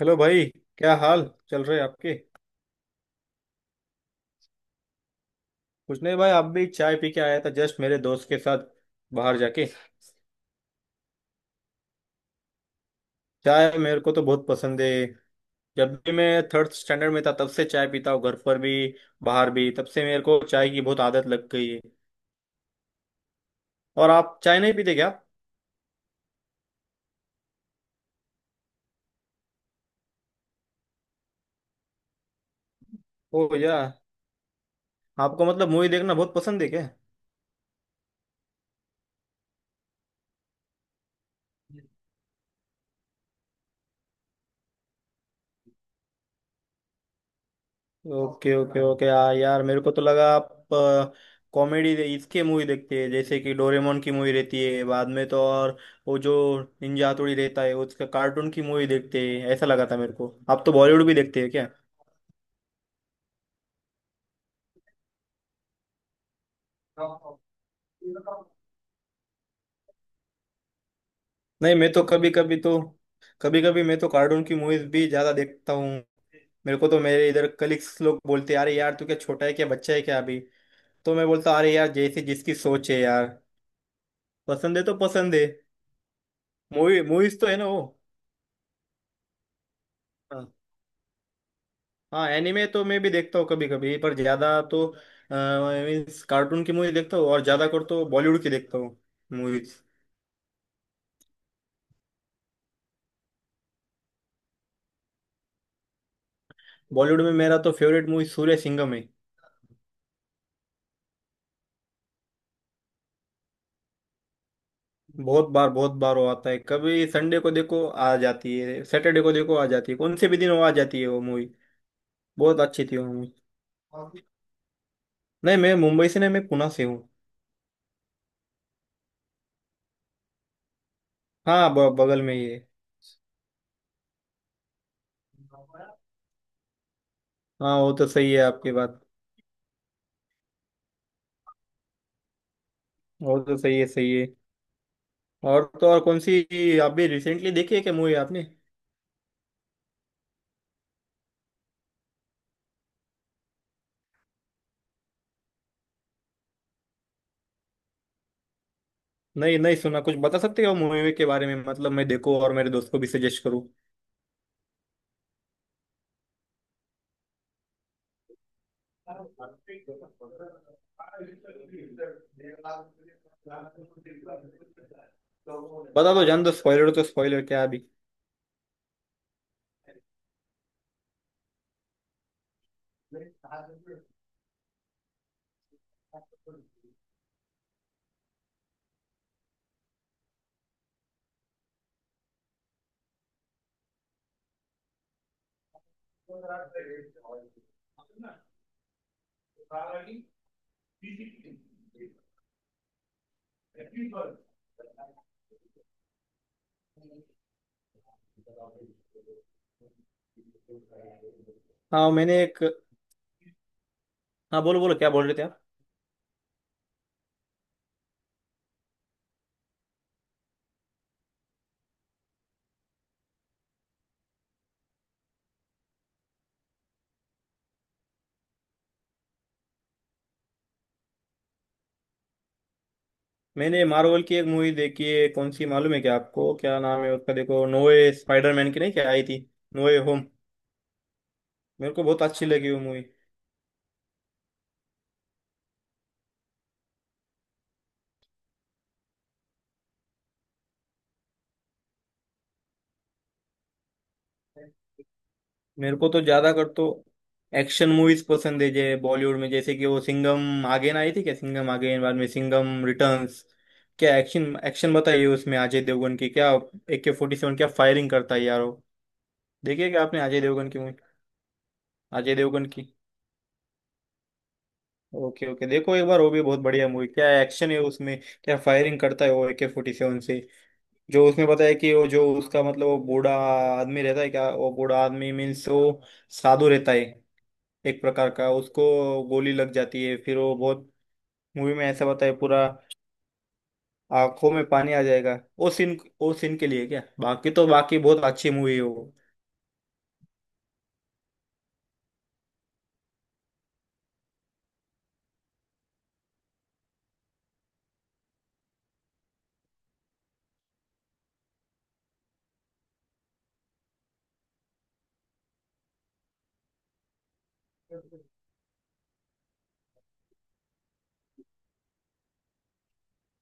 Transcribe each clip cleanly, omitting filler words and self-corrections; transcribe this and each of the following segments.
Hello भाई, क्या हाल चल रहे आपके। कुछ नहीं भाई, आप भी? चाय पी के आया था जस्ट मेरे दोस्त के साथ बाहर जाके। चाय मेरे को तो बहुत पसंद है। जब भी मैं थर्ड स्टैंडर्ड में था तब से चाय पीता हूँ, घर पर भी बाहर भी। तब से मेरे को चाय की बहुत आदत लग गई है। और आप चाय नहीं पीते क्या? ओ या। आपको मतलब मूवी देखना बहुत पसंद है क्या? ओके ओके ओके, हाँ यार। मेरे को तो लगा आप कॉमेडी इसके मूवी देखते हैं, जैसे कि डोरेमोन की मूवी रहती है बाद में तो, और वो जो निंजा हथौड़ी रहता है उसका, कार्टून की मूवी देखते हैं ऐसा लगा था मेरे को। आप तो बॉलीवुड भी देखते हैं क्या? नहीं, मैं तो कभी कभी मैं तो कार्टून की मूवीज भी ज्यादा देखता हूँ। मेरे को तो, मेरे इधर कलीग्स लोग बोलते, अरे यार तू क्या छोटा है क्या, बच्चा है क्या अभी। तो मैं बोलता, अरे यार जैसे जिसकी सोच है यार, पसंद है तो पसंद है। मूवीज तो है ना वो। हाँ हाँ। एनिमे तो मैं भी देखता हूँ कभी कभी, पर ज्यादा तो मीन्स कार्टून की मूवी देखता हूँ, और ज्यादा कर तो बॉलीवुड की देखता हूँ मूवीज। बॉलीवुड में मेरा तो फेवरेट मूवी सूर्य सिंघम है। बहुत बार वो आता है, कभी संडे को देखो आ जाती है, सैटरडे को देखो आ जाती है, कौन से भी दिन वो आ जाती है वो मूवी। बहुत अच्छी थी वो मूवी। नहीं, मैं मुंबई से नहीं, मैं पुणे से हूँ। हाँ, बगल में ही है। हाँ वो तो सही है आपकी बात। वो तो सही है, सही है। और तो और, कौन सी अभी रिसेंटली देखी है क्या मूवी आपने? नहीं, नहीं सुना। कुछ बता सकते हो मूवी के बारे में, मतलब मैं देखूं और मेरे दोस्त को भी सजेस्ट करूं। बता दो, जान दो, स्पॉइलर तो स्पॉइलर, क्या अभी। हाँ मैंने एक। हाँ बोलो बोलो, क्या बोल रहे थे आप? मैंने मार्वल की एक मूवी देखी है, कौन सी मालूम है क्या आपको, क्या नाम है उसका देखो, नोए स्पाइडरमैन की नहीं क्या आई थी, नोए होम। मेरे को बहुत अच्छी लगी वो मूवी। मेरे को तो ज्यादा कर तो एक्शन मूवीज पसंद है, जे बॉलीवुड में जैसे कि वो सिंघम आगेन आई थी क्या, सिंघम आगेन बाद में, सिंघम रिटर्न्स, क्या एक्शन एक्शन बताइए उसमें अजय देवगन की, क्या ए के फोर्टी सेवन क्या फायरिंग करता है यार वो। देखिए क्या आपने अजय देवगन की मूवी, अजय देवगन की। ओके ओके, देखो एक बार वो भी, बहुत बढ़िया मूवी, क्या एक्शन है उसमें। क्या फायरिंग करता है वो ए के फोर्टी सेवन से। जो उसमें, पता है कि वो, जो उसका मतलब वो बूढ़ा आदमी रहता है, क्या वो बूढ़ा आदमी मीन्स वो साधु रहता है एक प्रकार का। उसको गोली लग जाती है, फिर वो बहुत, मूवी में ऐसा बताया पूरा, आंखों में पानी आ जाएगा वो सीन, वो सीन के लिए क्या, बाकी तो बाकी बहुत अच्छी मूवी है वो।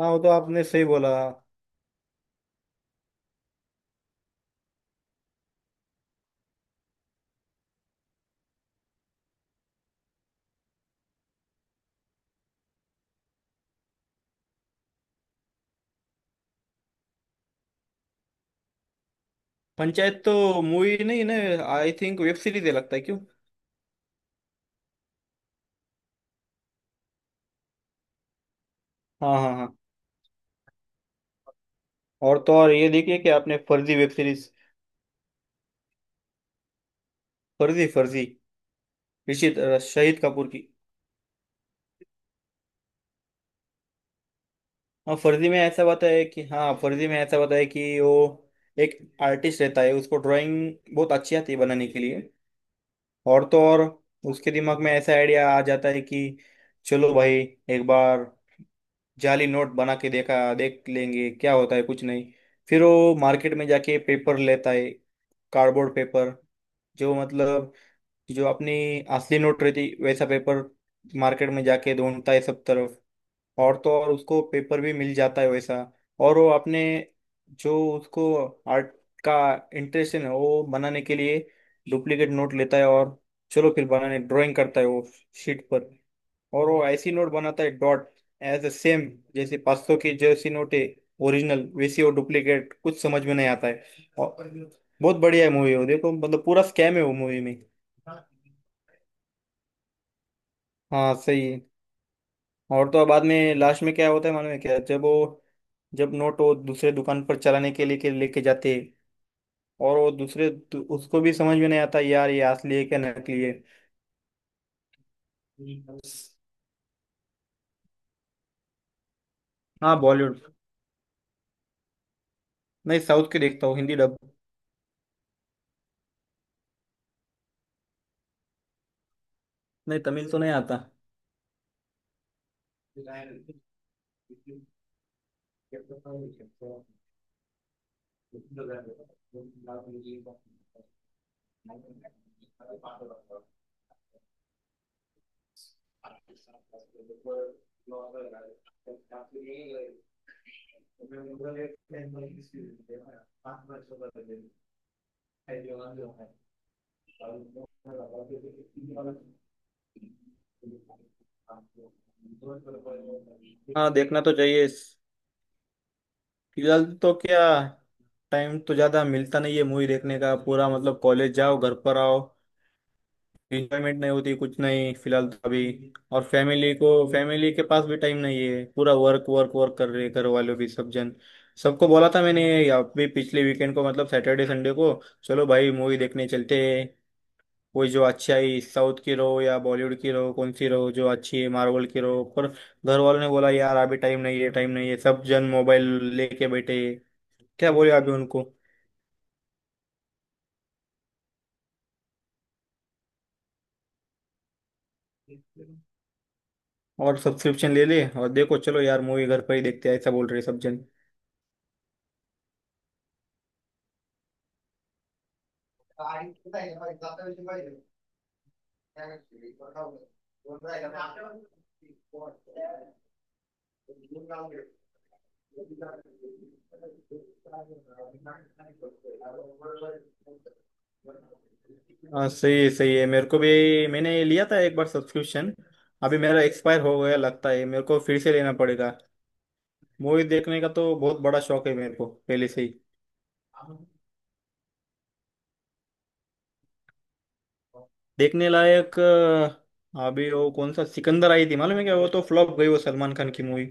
हाँ वो तो आपने सही बोला। पंचायत तो मूवी नहीं ना, आई थिंक वेब सीरीज है, लगता है क्यों। हाँ हाँ हाँ। और तो और, ये देखिए कि आपने फर्जी वेब सीरीज, फर्जी फर्जी, ऋषित, शहीद कपूर की। हाँ फर्जी में ऐसा बताया है कि वो एक आर्टिस्ट रहता है, उसको ड्राइंग बहुत अच्छी आती है बनाने के लिए। और तो और, उसके दिमाग में ऐसा आइडिया आ जाता है कि, चलो भाई एक बार जाली नोट बना के देख लेंगे क्या होता है, कुछ नहीं। फिर वो मार्केट में जाके पेपर लेता है, कार्डबोर्ड पेपर, जो मतलब कि जो अपनी असली नोट रहती वैसा पेपर मार्केट में जाके ढूंढता है सब तरफ। और तो और, उसको पेपर भी मिल जाता है वैसा। और वो अपने, जो उसको आर्ट का इंटरेस्ट है ना, वो बनाने के लिए डुप्लीकेट नोट लेता है, और चलो फिर बनाने, ड्राइंग करता है वो शीट पर। और वो ऐसी नोट बनाता है डॉट एज अ सेम, जैसे 500 की जैसी नोट है ओरिजिनल, वैसी वो डुप्लीकेट, कुछ समझ में नहीं आता है। और बहुत बढ़िया है मूवी वो, देखो मतलब पूरा स्कैम है वो मूवी में। हाँ सही है। और तो बाद में लास्ट में क्या होता है मालूम है क्या, जब वो, जब नोट वो दूसरे दुकान पर चलाने के लिए के लेके जाते हैं, और वो उसको भी समझ में नहीं आता यार, ये असली है क्या नकली है। हाँ बॉलीवुड। नहीं, साउथ के देखता हूँ हिंदी डब। नहीं, तमिल तो नहीं आता। हाँ देखना तो चाहिए। फिलहाल तो क्या, टाइम तो ज्यादा मिलता नहीं है मूवी देखने का पूरा, मतलब कॉलेज जाओ घर पर आओ, इंजॉयमेंट नहीं होती कुछ नहीं फिलहाल तो अभी। और फैमिली को, फैमिली के पास भी टाइम नहीं है पूरा, वर्क वर्क वर्क कर रहे घर वालों भी सब जन। सबको बोला था मैंने या भी पिछले वीकेंड को, मतलब सैटरडे संडे को, चलो भाई मूवी देखने चलते हैं, कोई जो अच्छी आई, साउथ की रहो या बॉलीवुड की रहो, कौन सी रहो जो अच्छी है, मार्वल की रहो, पर घर वालों ने बोला यार अभी टाइम नहीं है, टाइम नहीं है, सब जन मोबाइल लेके बैठे हैं। क्या बोले अभी उनको। और सब्सक्रिप्शन ले ले और देखो, चलो यार मूवी घर पर ही देखते हैं ऐसा बोल रहे सब जन। हाँ सही, सही है मेरे को भी। मैंने ये लिया था एक बार सब्सक्रिप्शन, अभी मेरा एक्सपायर हो गया लगता है, मेरे को फिर से लेना पड़ेगा। मूवी देखने का तो बहुत बड़ा शौक है मेरे को पहले से ही। देखने लायक, अभी वो कौन सा सिकंदर आई थी मालूम है क्या, वो तो फ्लॉप गई, वो सलमान खान की मूवी।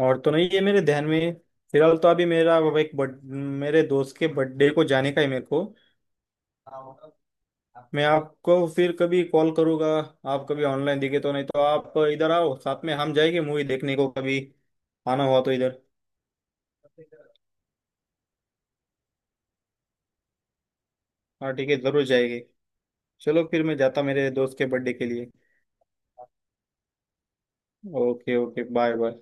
और तो नहीं ये मेरे ध्यान में। फिलहाल तो अभी मेरा वो एक बर्थ मेरे दोस्त के बर्थडे को जाने का है मेरे को। मैं आपको फिर कभी कॉल करूंगा, आप कभी ऑनलाइन दिखे तो। नहीं तो आप इधर आओ, साथ में हम जाएंगे मूवी देखने को, कभी आना हुआ तो इधर। हाँ ठीक है, जरूर जाएंगे। चलो फिर मैं जाता मेरे दोस्त के बर्थडे के लिए। Okay okay, bye bye.